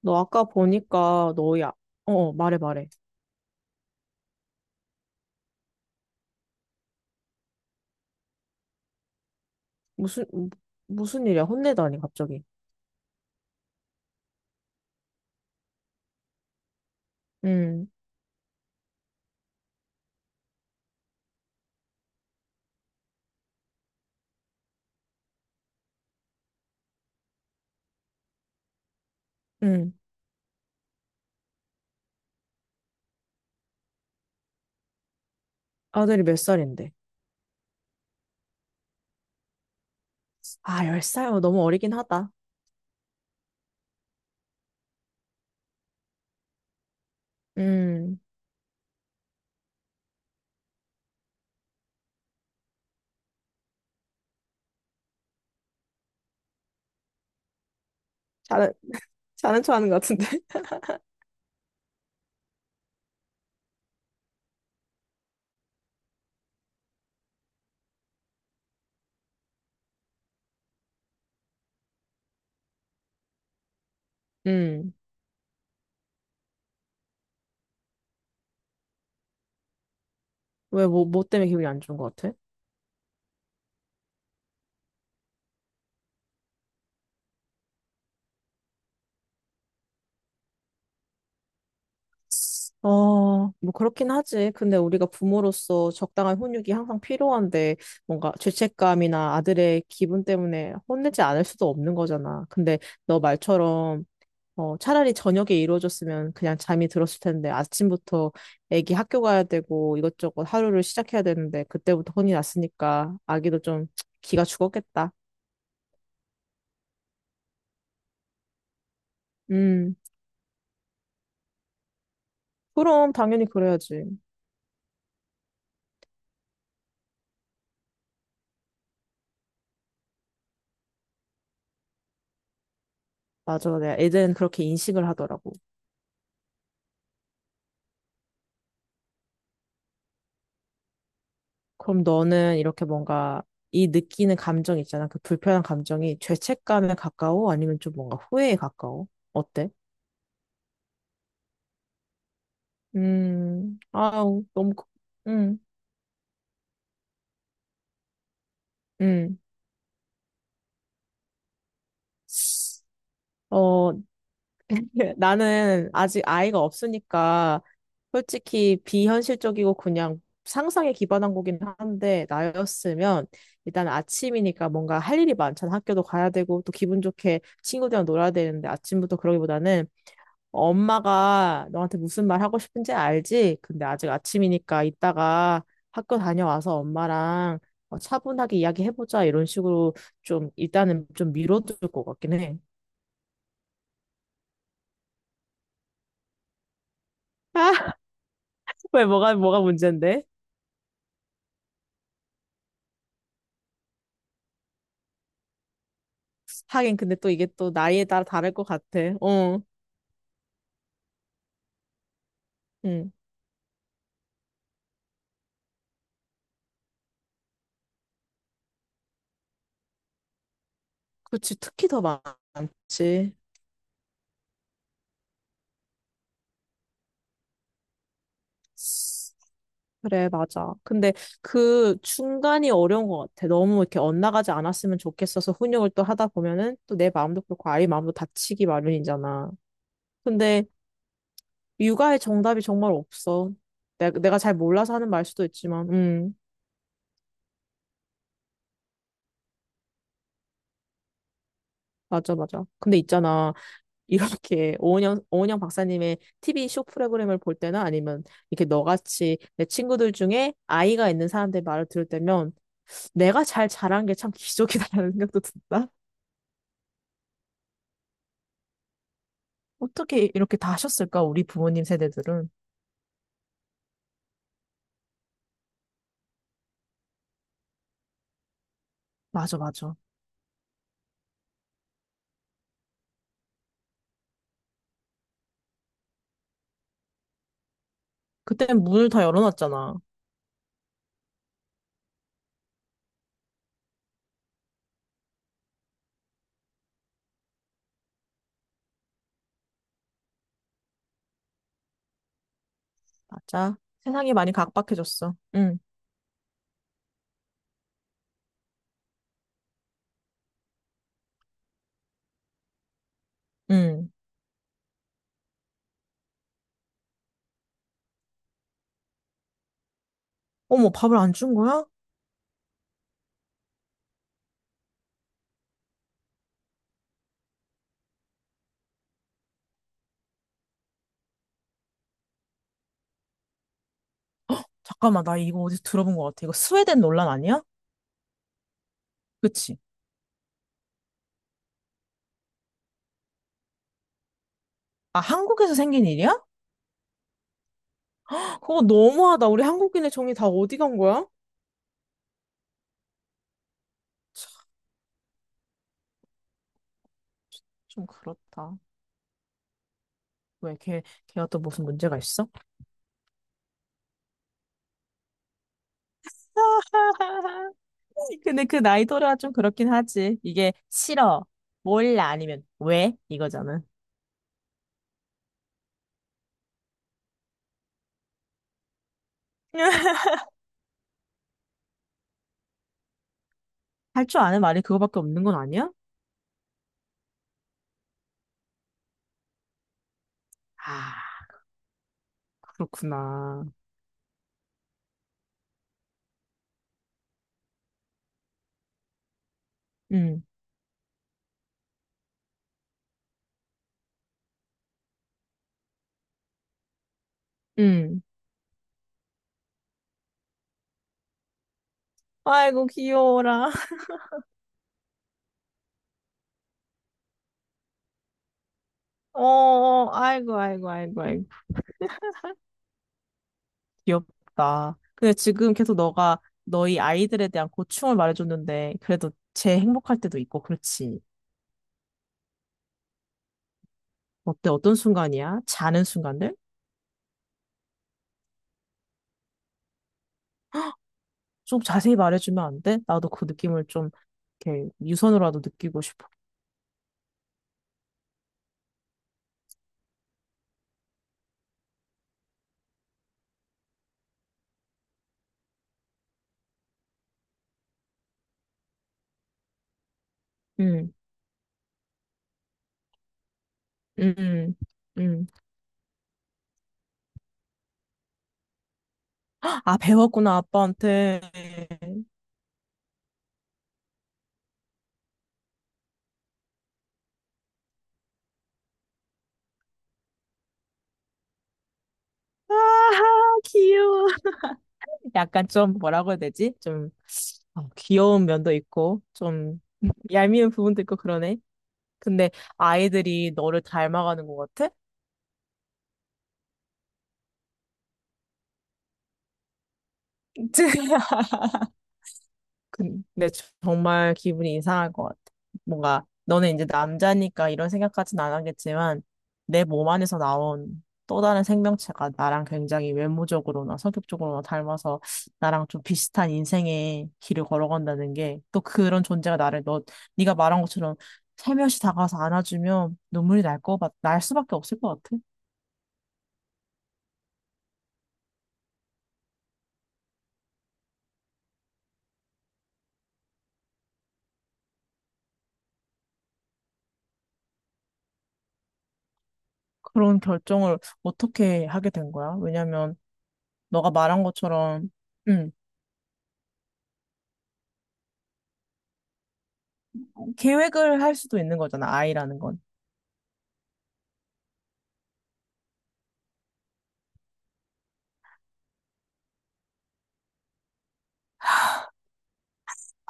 너 아까 보니까 너야. 어, 어, 말해, 말해. 무슨, 무- 무슨 일이야? 혼내다니, 갑자기. 음, 음. 아들이 몇 살인데? 아, 10살? 어, 너무 어리긴 하다. 음, 자는, 자는 척 하는 것 같은데. 음. 왜, 뭐 때문에 기분이 안 좋은 것 같아? 어, 뭐 그렇긴 하지. 근데 우리가 부모로서 적당한 훈육이 항상 필요한데 뭔가 죄책감이나 아들의 기분 때문에 혼내지 않을 수도 없는 거잖아. 근데 너 말처럼 어, 차라리 저녁에 이루어졌으면 그냥 잠이 들었을 텐데 아침부터 애기 학교 가야 되고 이것저것 하루를 시작해야 되는데 그때부터 혼이 났으니까 아기도 좀 기가 죽었겠다. 음, 그럼 당연히 그래야지. 맞아. 내가 애들은 그렇게 인식을 하더라고. 그럼 너는 이렇게 뭔가 이 느끼는 감정 있잖아. 그 불편한 감정이 죄책감에 가까워? 아니면 좀 뭔가 후회에 가까워? 어때? 아우, 너무. 음, 음. 어, 예, 나는 아직 아이가 없으니까 솔직히 비현실적이고 그냥 상상에 기반한 거긴 한데 나였으면 일단 아침이니까 뭔가 할 일이 많잖아. 학교도 가야 되고 또 기분 좋게 친구들이랑 놀아야 되는데 아침부터 그러기보다는 엄마가 너한테 무슨 말 하고 싶은지 알지? 근데 아직 아침이니까 이따가 학교 다녀와서 엄마랑 어, 차분하게 이야기해보자 이런 식으로 좀 일단은 좀 밀어둘 것 같긴 해. 왜 뭐가 문제인데? 하긴 근데 또 이게 또 나이에 따라 다를 것 같아. 어, 응. 그렇지. 특히 더 많지. 그래, 맞아. 근데 그 중간이 어려운 것 같아. 너무 이렇게 엇나가지 않았으면 좋겠어서 훈육을 또 하다 보면은 또 내 마음도 그렇고 아이 마음도 다치기 마련이잖아. 근데 육아의 정답이 정말 없어. 내가 잘 몰라서 하는 말 수도 있지만, 맞아, 맞아. 근데 있잖아. 이렇게 오은영 박사님의 TV 쇼 프로그램을 볼 때나 아니면 이렇게 너같이 내 친구들 중에 아이가 있는 사람들 말을 들을 때면 내가 잘 자란 게 참 기적이다라는 생각도 든다. 어떻게 이렇게 다 하셨을까, 우리 부모님 세대들은. 맞아, 맞아. 그때는 문을 다 열어놨잖아. 맞아. 세상이 많이 각박해졌어. 응, 응. 어머, 밥을 안 준 거야? 잠깐만, 나 이거 어디서 들어본 것 같아. 이거 스웨덴 논란 아니야? 그치? 아, 한국에서 생긴 일이야? 그거 너무하다. 우리 한국인의 정이 다 어디 간 거야? 좀 그렇다. 왜 걔가 또 무슨 문제가 있어? 근데 그 나이 또래가 좀 그렇긴 하지. 이게 싫어, 몰라, 아니면 왜? 이거잖아. 할 줄 아는 말이 그거밖에 없는 건 아니야? 아, 그렇구나. 응, 응. 아이고, 귀여워라. 어, 어, 아이고, 아이고, 아이고, 아이고. 귀엽다. 근데 지금 계속 너가 너희 아이들에 대한 고충을 말해줬는데, 그래도 제 행복할 때도 있고, 그렇지. 어때? 어떤 순간이야? 자는 순간들? 좀 자세히 말해주면 안 돼? 나도 그 느낌을 좀 이렇게 유선으로라도 느끼고 싶어. 응, 응, 응. 응. 아, 배웠구나, 아빠한테. 아하, 귀여워. 약간 좀 뭐라고 해야 되지? 좀 어, 귀여운 면도 있고, 좀 얄미운 부분도 있고 그러네. 근데 아이들이 너를 닮아가는 것 같아? 근데 정말 기분이 이상할 것 같아. 뭔가 너는 이제 남자니까 이런 생각까지는 안 하겠지만 내 몸 안에서 나온 또 다른 생명체가 나랑 굉장히 외모적으로나 성격적으로나 닮아서 나랑 좀 비슷한 인생의 길을 걸어간다는 게 또 그런 존재가 나를 너 네가 말한 것처럼 살며시 다가와서 안아주면 눈물이 날 거 같, 날 수밖에 없을 것 같아. 그런 결정을 어떻게 하게 된 거야? 왜냐면 너가 말한 것처럼 음, 계획을 할 수도 있는 거잖아, 아이라는 건.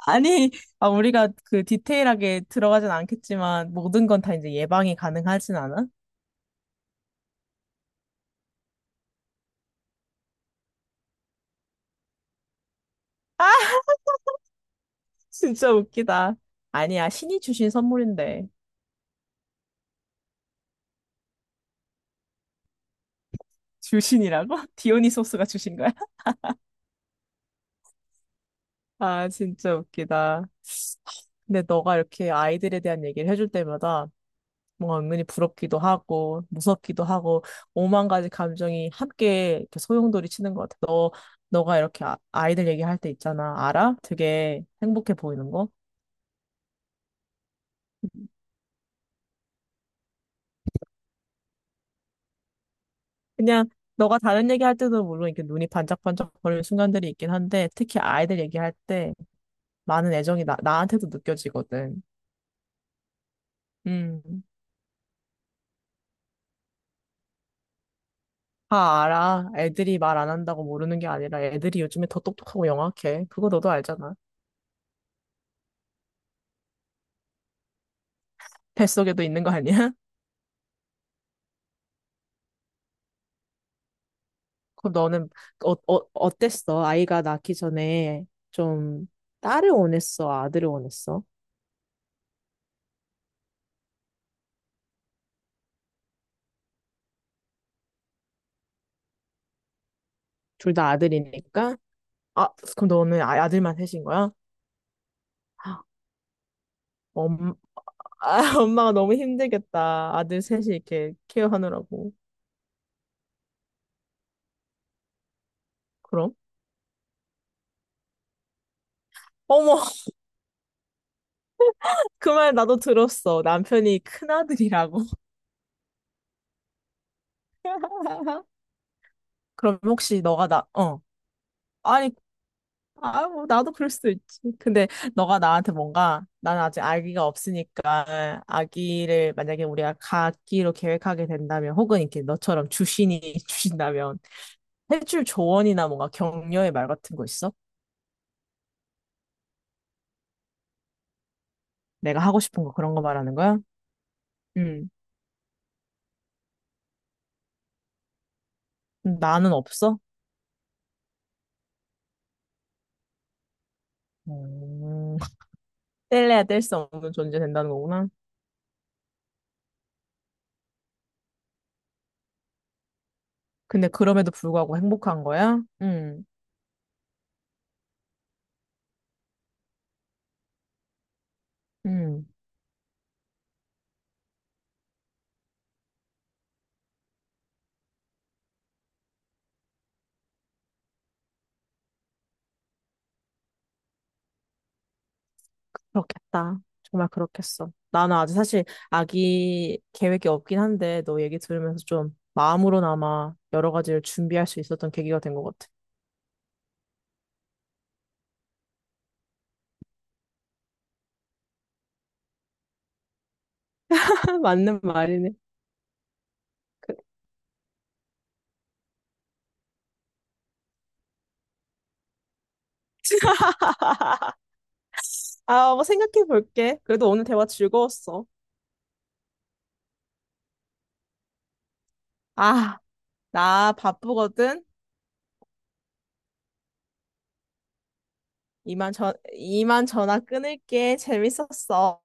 아니, 아, 우리가 그 디테일하게 들어가진 않겠지만, 모든 건 다 이제 예방이 가능하진 않아? 아, 진짜 웃기다. 아니야, 신이 주신 선물인데. 주신이라고? 디오니소스가 주신 거야? 아, 진짜 웃기다. 근데 너가 이렇게 아이들에 대한 얘기를 해줄 때마다 뭔가 은근히 부럽기도 하고 무섭기도 하고 오만 가지 감정이 함께 이렇게 소용돌이 치는 것 같아. 너 너가 이렇게 아이들 얘기할 때 있잖아. 알아? 되게 행복해 보이는 거. 그냥 너가 다른 얘기할 때도 물론 이렇게 눈이 반짝반짝 거리는 순간들이 있긴 한데 특히 아이들 얘기할 때 많은 애정이 나한테도 느껴지거든. 음. 다 알아. 애들이 말 안 한다고 모르는 게 아니라 애들이 요즘에 더 똑똑하고 영악해. 그거 너도 알잖아. 뱃속에도 있는 거 아니야? 그럼 너는 어땠어? 아이가 낳기 전에 좀 딸을 원했어? 아들을 원했어? 둘 다 아들이니까? 아, 그럼 너는 아들만 셋인 거야? 엄, 아, 엄마가 너무 힘들겠다. 아들 셋이 이렇게 케어하느라고. 그럼? 어머, 그 말 나도 들었어. 남편이 큰아들이라고. 그럼 혹시 너가 나, 어. 아니, 아, 뭐, 나도 그럴 수도 있지. 근데 너가 나한테 뭔가, 난 아직 아기가 없으니까, 아기를 만약에 우리가 갖기로 계획하게 된다면, 혹은 이렇게 너처럼 주신이 주신다면, 해줄 조언이나 뭔가 격려의 말 같은 거 있어? 내가 하고 싶은 거 그런 거 말하는 거야? 음. 나는 없어? 음. 뗄래야 뗄 수 없는 존재 된다는 거구나. 근데 그럼에도 불구하고 행복한 거야? 음. 음. 그렇겠다. 정말 그렇겠어. 나는 아직 사실 아기 계획이 없긴 한데 너 얘기 들으면서 좀 마음으로나마 여러 가지를 준비할 수 있었던 계기가 된 것 같아. 맞는 말이네. 그- 아, 뭐 생각해 볼게. 그래도 오늘 대화 즐거웠어. 아, 나 바쁘거든. 이만 전화 끊을게. 재밌었어.